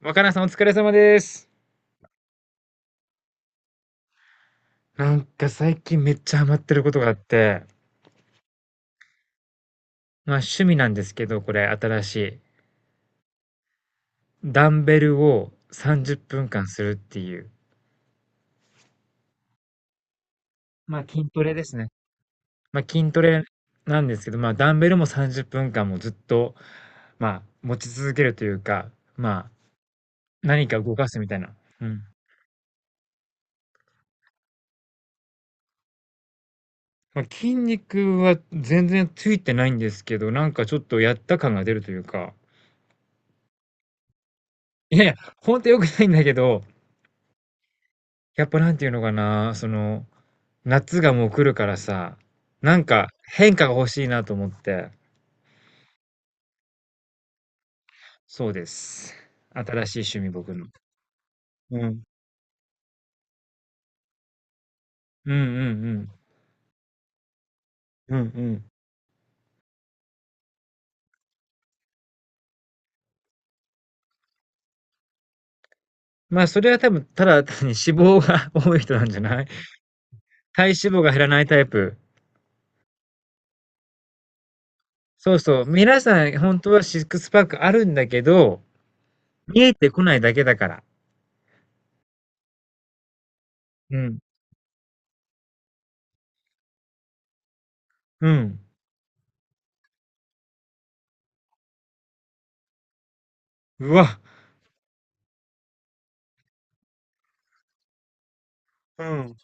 若菜さんお疲れ様です。なんか最近めっちゃハマってることがあって、趣味なんですけど、これ新しい。ダンベルを30分間するっていう。筋トレですね。筋トレなんですけど、ダンベルも30分間もずっと、持ち続けるというか、まあ何か動かすみたいな。うん。筋肉は全然ついてないんですけど、なんかちょっとやった感が出るというか、いやいや、ほんと良くないんだけど、やっぱなんていうのかな、夏がもう来るからさ、なんか変化が欲しいなと思って。そうです。新しい趣味僕の。うん。うんうんうん。うんうん。それは多分ただ単に脂肪が 多い人なんじゃない？体脂肪が減らないタイプ。そうそう、皆さん本当はシックスパックあるんだけど、見えてこないだけだから。うん。うん。うわ、うん。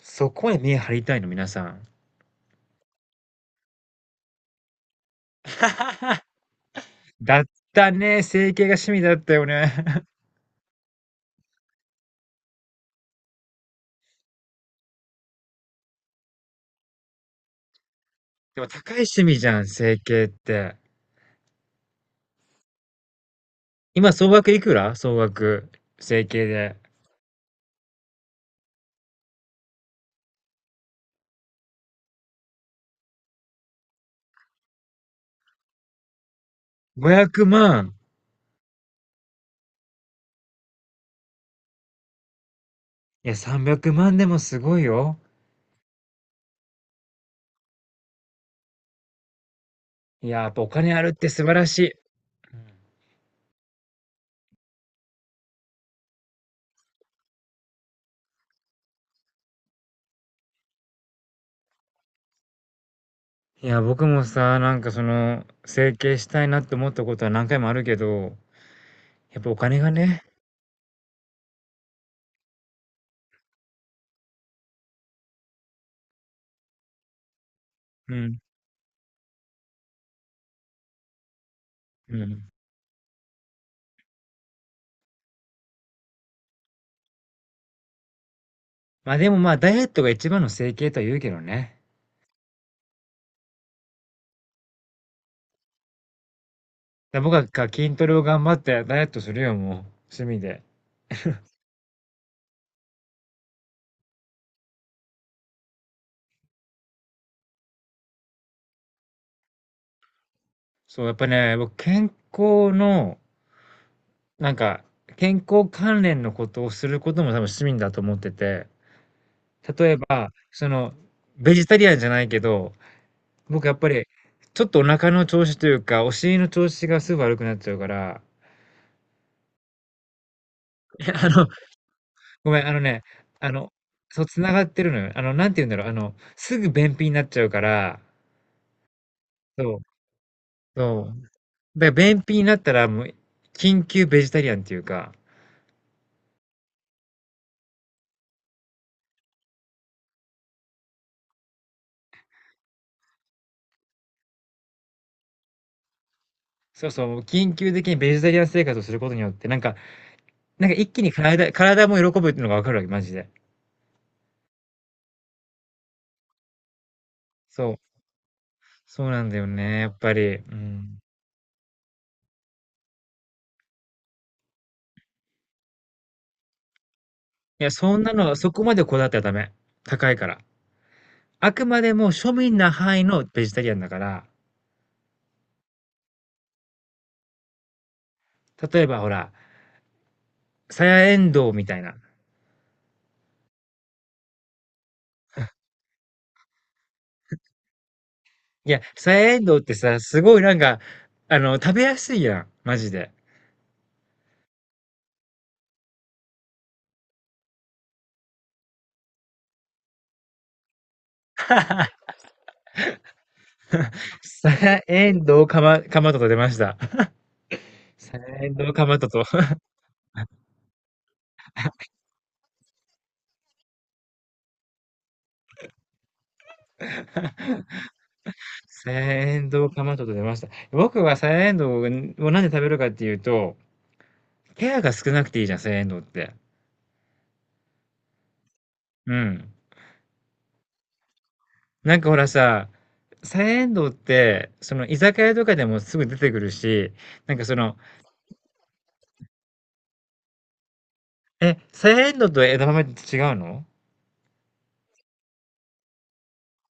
そこへ目張りたいの、皆さん。だったね。整形が趣味だったよね。でも高い趣味じゃん、整形って。今、総額いくら総額。整形で。500万。いや、300万でもすごいよ。いや、やっぱお金あるって素晴らしい。いや、僕もさ、整形したいなって思ったことは何回もあるけど、やっぱお金がね。うん。うん。まあでもまあ、ダイエットが一番の整形とは言うけどね。僕は筋トレを頑張ってダイエットするよ、もう。趣味で。そう、やっぱね、僕、康の、なんか、健康関連のことをすることも多分趣味だと思ってて、例えば、ベジタリアンじゃないけど、僕やっぱり、ちょっとお腹の調子というか、お尻の調子がすぐ悪くなっちゃうから、いやあの、ごめん、あの、そう、つながってるのよ。なんて言うんだろう、すぐ便秘になっちゃうから、そう、そう。だから便秘になったら、もう、緊急ベジタリアンっていうか、そうそう、緊急的にベジタリアン生活をすることによって、なんか一気に体も喜ぶっていうのがわかるわけ、マジで。そう。そうなんだよね、やっぱり。うん。いや、そんなの、そこまでこだわってはダメ。高いから。あくまでも庶民な範囲のベジタリアンだから、例えばほら、さやえんどうみたいな。いや、さやえんどうってさ、すごいなんか、あの、食べやすいやん、マジで。さやえんどうかまとと出ました。さやえんどうかまとと。サヤエンドウカマトと出ました。僕はサヤエンドウをなんで食べるかっていうと、ケアが少なくていいじゃん、サヤエンドウって。うん。なんかほらさ、サヤエンドウって、その居酒屋とかでもすぐ出てくるし、なんかその、え、サヤエンドウと枝豆って違うの？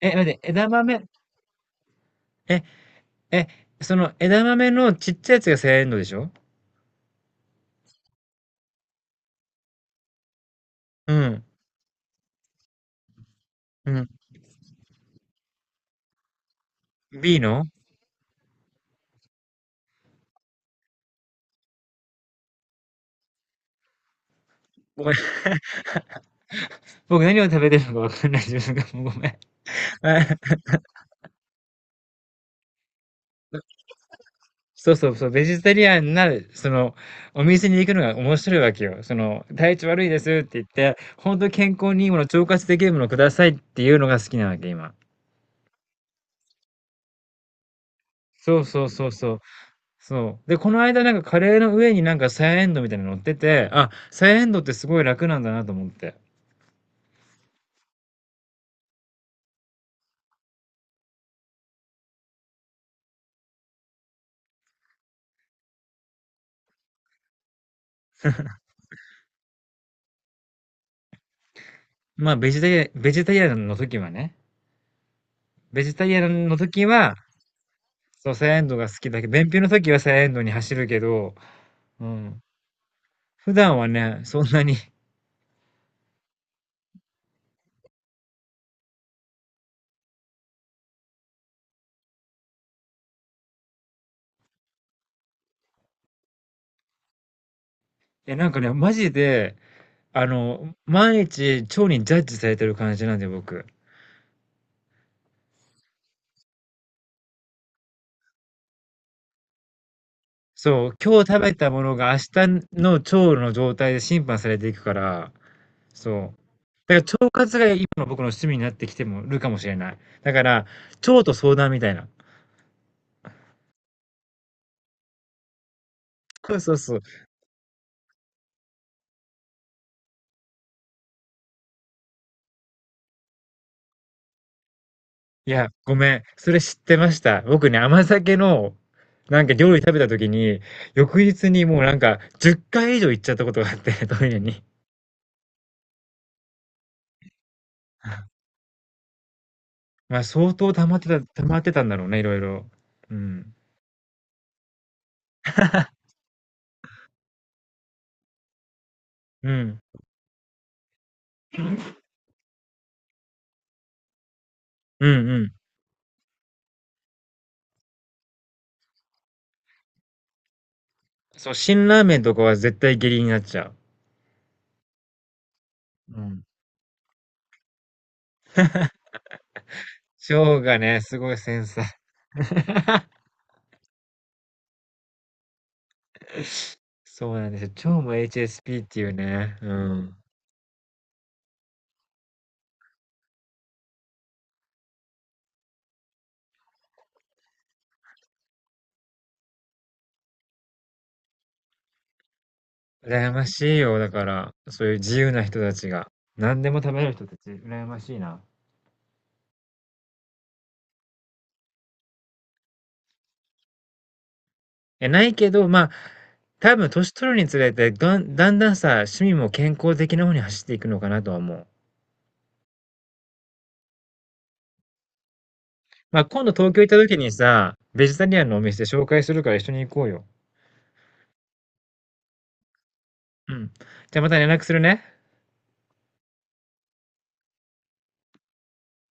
え、待って、枝豆、え、え、その枝豆のちっちゃいやつがサヤエンドウでしょ？うん。うん。B のごめん。僕何を食べてるのかわかんない自分がもうごめん。そうそうそう、ベジタリアンな、その、お店に行くのが面白いわけよ。その、体調悪いですって言って、本当に健康にいいもの、腸活できるものくださいっていうのが好きなわけ、今。そうそうそうそう。そう。で、この間なんかカレーの上になんかサヤエンドウみたいなの乗ってて、あ、サヤエンドウってすごい楽なんだなと思って。ベジタリアンの時はね。ベジタリアンの時は、そう、サヤエンドウが好きだけど、便秘の時はサヤエンドウに走るけど、うん。普段はね、そんなに。え、なんかね、マジで、あの、毎日腸にジャッジされてる感じなんで、僕。そう、今日食べたものが明日の腸の状態で審判されていくから、そう。だから腸活が今の僕の趣味になってきてもるかもしれない。だから、腸と相談みたいな。そうそうそう。いや、ごめん。それ知ってました。僕ね、甘酒の、なんか料理食べた時に、翌日にもうなんか10回以上行っちゃったことがあって、トイレに。まあ相当溜まってたんだろうね、いろいろ。うん。うん。うんうん。そう、辛ラーメンとかは絶対下痢になっちゃう。うん。腸がね、すごい繊細。そうなんですよ。腸も HSP っていうね。うん。羨ましいよ。だから、そういう自由な人たちが。何でも食べれる人たち、羨ましいな。え、ないけど、まあ、多分年取るにつれて、だんだんだんさ、趣味も健康的な方に走っていくのかなとは思う。まあ、今度東京行った時にさ、ベジタリアンのお店紹介するから一緒に行こうよ。うん。じゃあまた連絡するね。